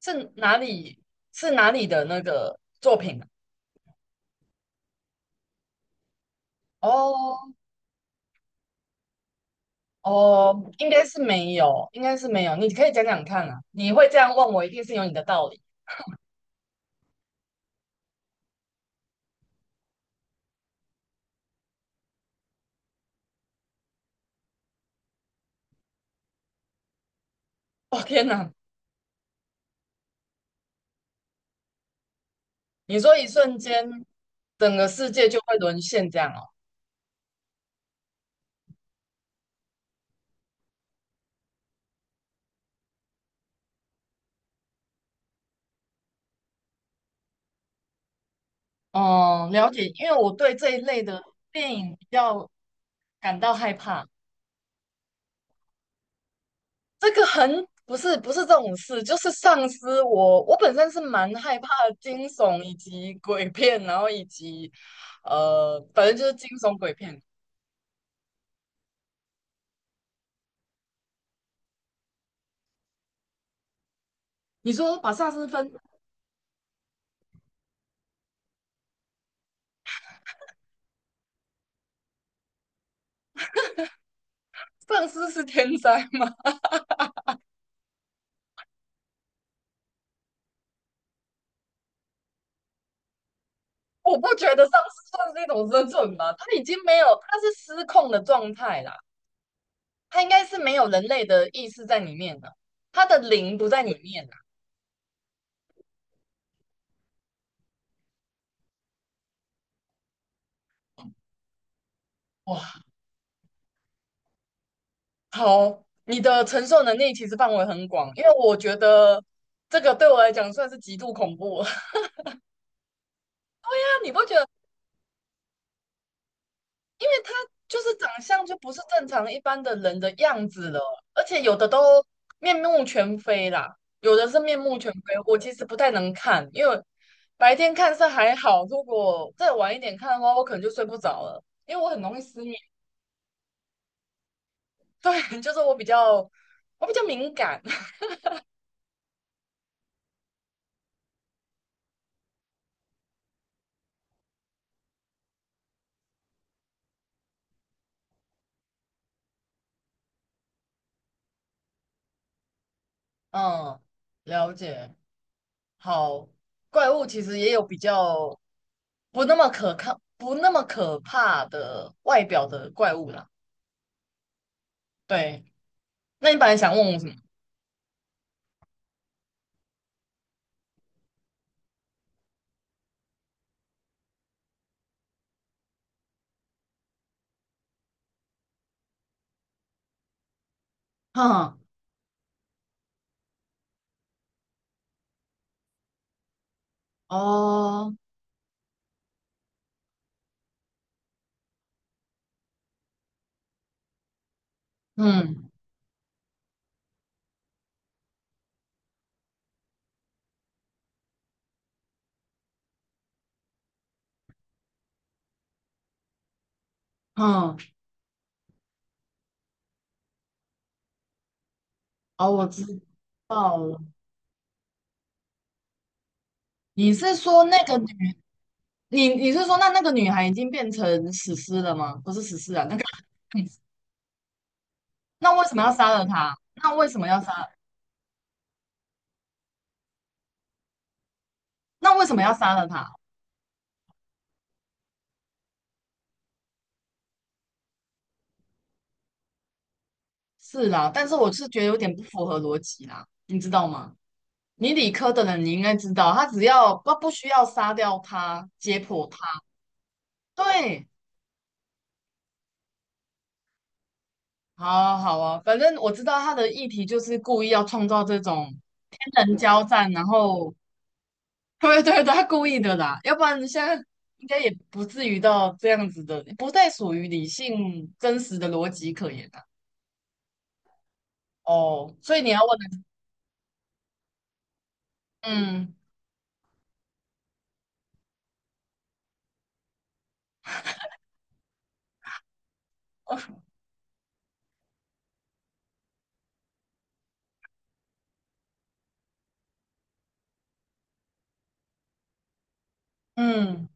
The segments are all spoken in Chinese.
是哪里是哪里的那个作品啊？哦哦，应该是没有。你可以讲讲看啊，你会这样问我，一定是有你的道理。哦天哪，你说一瞬间整个世界就会沦陷这样哦？哦，了解，因为我对这一类的电影比较感到害怕。这个很不是不是这种事，就是丧尸。我。我本身是蛮害怕惊悚以及鬼片，然后以及反正就是惊悚鬼片。你说把丧尸分，丧尸是天灾吗？我不觉得丧尸算是一种生存吧，它已经没有，它是失控的状态啦，它应该是没有人类的意识在里面的，它的灵不在里面啦。哇，好，你的承受能力其实范围很广，因为我觉得这个对我来讲算是极度恐怖。那你不觉得就是长相就不是正常一般的人的样子了，而且有的都面目全非啦，有的是面目全非。我其实不太能看，因为白天看是还好，如果再晚一点看的话，我可能就睡不着了，因为我很容易失眠。对，就是我比较敏感。嗯，了解。好。怪物其实也有比较不那么可靠、不那么可怕的外表的怪物啦。对，那你本来想问我什么？哼，哦，嗯哼，哦，我知道了。你是说那个女，你是说那个女孩已经变成死尸了吗？不是死尸啊，那个，那为什么要杀了她？那为什么要杀？那为什么要杀了她？是啦，但是我是觉得有点不符合逻辑啦，你知道吗？你理科的人，你应该知道，他只要不需要杀掉他，解剖他。对，好啊好啊，反正我知道他的议题就是故意要创造这种天人交战，然后 对对对，他故意的啦，要不然现在应该也不至于到这样子的，不再属于理性真实的逻辑可言啊。哦，所以你要问的，嗯，哦，嗯，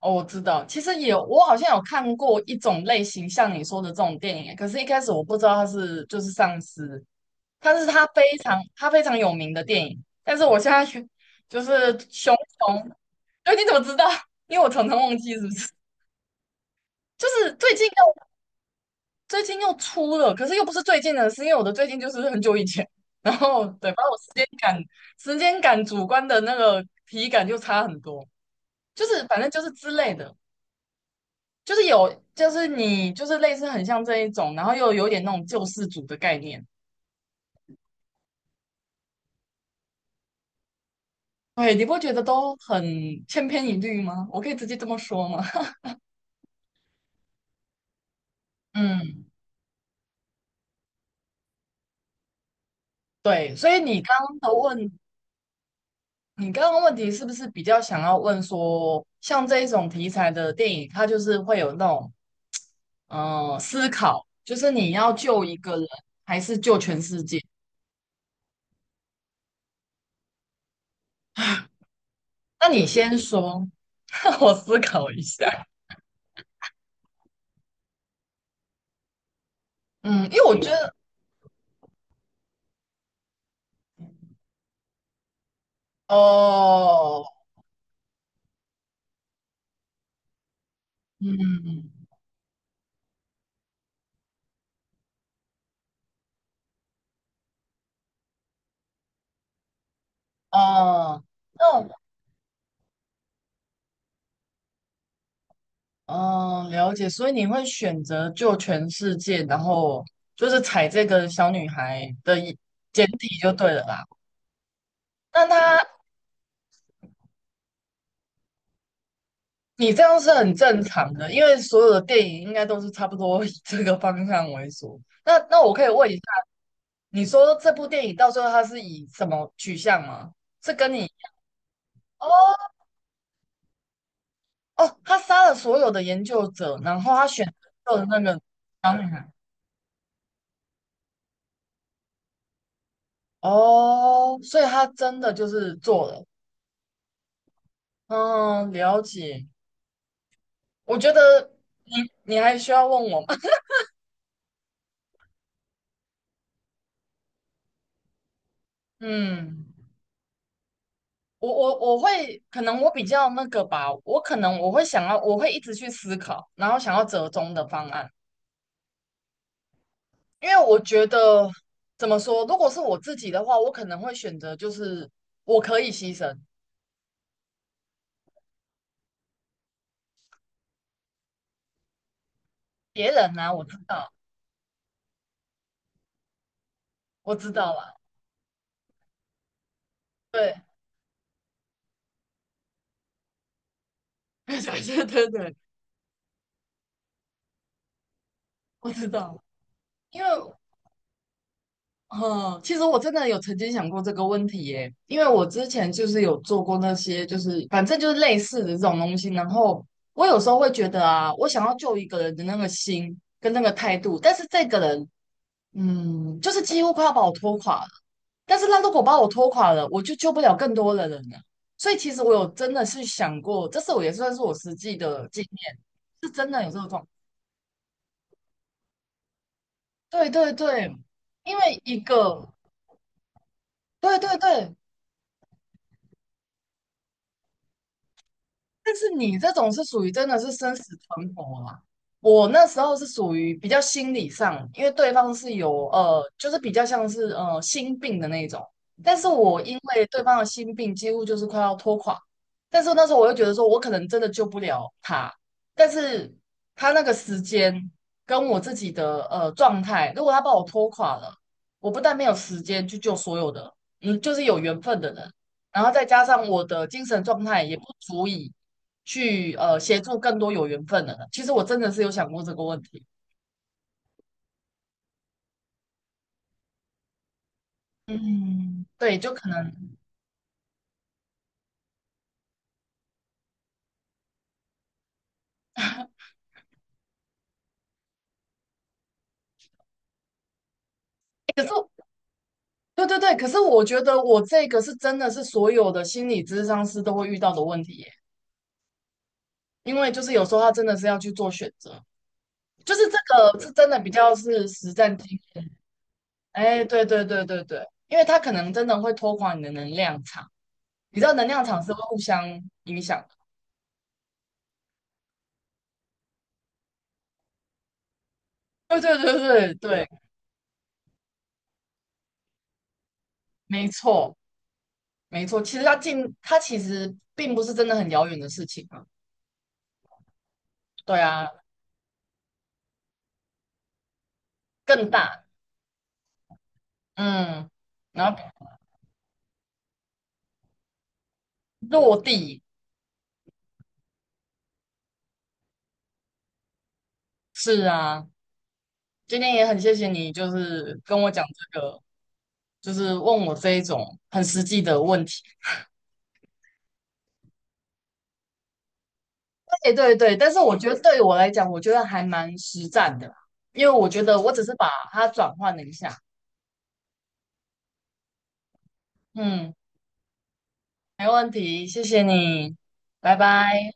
哦，我知道，其实有，我好像有看过一种类型，像你说的这种电影，可是一开始我不知道他是就是丧尸，它是它非常有名的电影，但是我现在 去就是熊熊，哎，你怎么知道？因为我常常忘记，是不是？就是最近又出了，可是又不是最近的是因为我的最近就是很久以前，然后对，把我时间感主观的那个体感就差很多，就是反正就是之类的，就是有就是你就是类似很像这一种，然后又有点那种救世主的概念。对，你不觉得都很千篇一律吗？我可以直接这么说吗？嗯，对，所以你刚刚的问，你刚刚问题是不是比较想要问说，像这一种题材的电影，它就是会有那种思考，就是你要救一个人还是救全世界？那你先说，让我思考一下。嗯，因为我觉得，哦，嗯，哦，那我，哦，了解，所以你会选择救全世界，然后就是踩这个小女孩的一简体就对了啦。那他，你这样是很正常的，因为所有的电影应该都是差不多以这个方向为主。那那我可以问一下，你说这部电影到最后他是以什么取向吗？是跟你，哦，哦，他杀了所有的研究者，然后他选择的那个小女孩，哦，所以他真的就是做了。嗯，了解。我觉得你，你还需要问我吗？嗯。我会可能我比较那个吧，我可能我会想要，我会一直去思考，然后想要折中的方案，因为我觉得怎么说，如果是我自己的话，我可能会选择就是我可以牺牲别人啊，我知道，我知道啦，对，对对对，我知道，因为嗯，其实我真的有曾经想过这个问题耶，因为我之前就是有做过那些，就是反正就是类似的这种东西。然后我有时候会觉得啊，我想要救一个人的那个心跟那个态度，但是这个人，嗯，就是几乎快要把我拖垮了。但是他如果把我拖垮了，我就救不了更多的人了。所以其实我有真的是想过，这是我也算是我实际的经验，是真的有这个状况，对对对，因为一个，对对对，但是你这种是属于真的是生死存活啊。我那时候是属于比较心理上，因为对方是有就是比较像是心病的那种，但是我因为对方的心病几乎就是快要拖垮，但是那时候我又觉得说我可能真的救不了他，但是他那个时间跟我自己的状态，如果他把我拖垮了，我不但没有时间去救所有的，嗯，就是有缘分的人，然后再加上我的精神状态也不足以。去协助更多有缘分的人。其实我真的是有想过这个问题，嗯，对，就可能，诶可是对对对，可是我觉得我这个是真的是所有的心理咨商师都会遇到的问题耶，因为就是有时候他真的是要去做选择，就是这个是真的比较是实战经验，哎，对对对对对，因为他可能真的会拖垮你的能量场，你知道能量场是会互相影响的，对对对对对，没错。没错，其实它近，它其实并不是真的很遥远的事情啊。对啊，更大，嗯，然后落地，是啊。今天也很谢谢你，就是跟我讲这个，就是问我这一种很实际的问题。对对对，但是我觉得对于我来讲，我觉得还蛮实战的啦，因为我觉得我只是把它转换了一下。嗯，没问题，谢谢你，拜拜。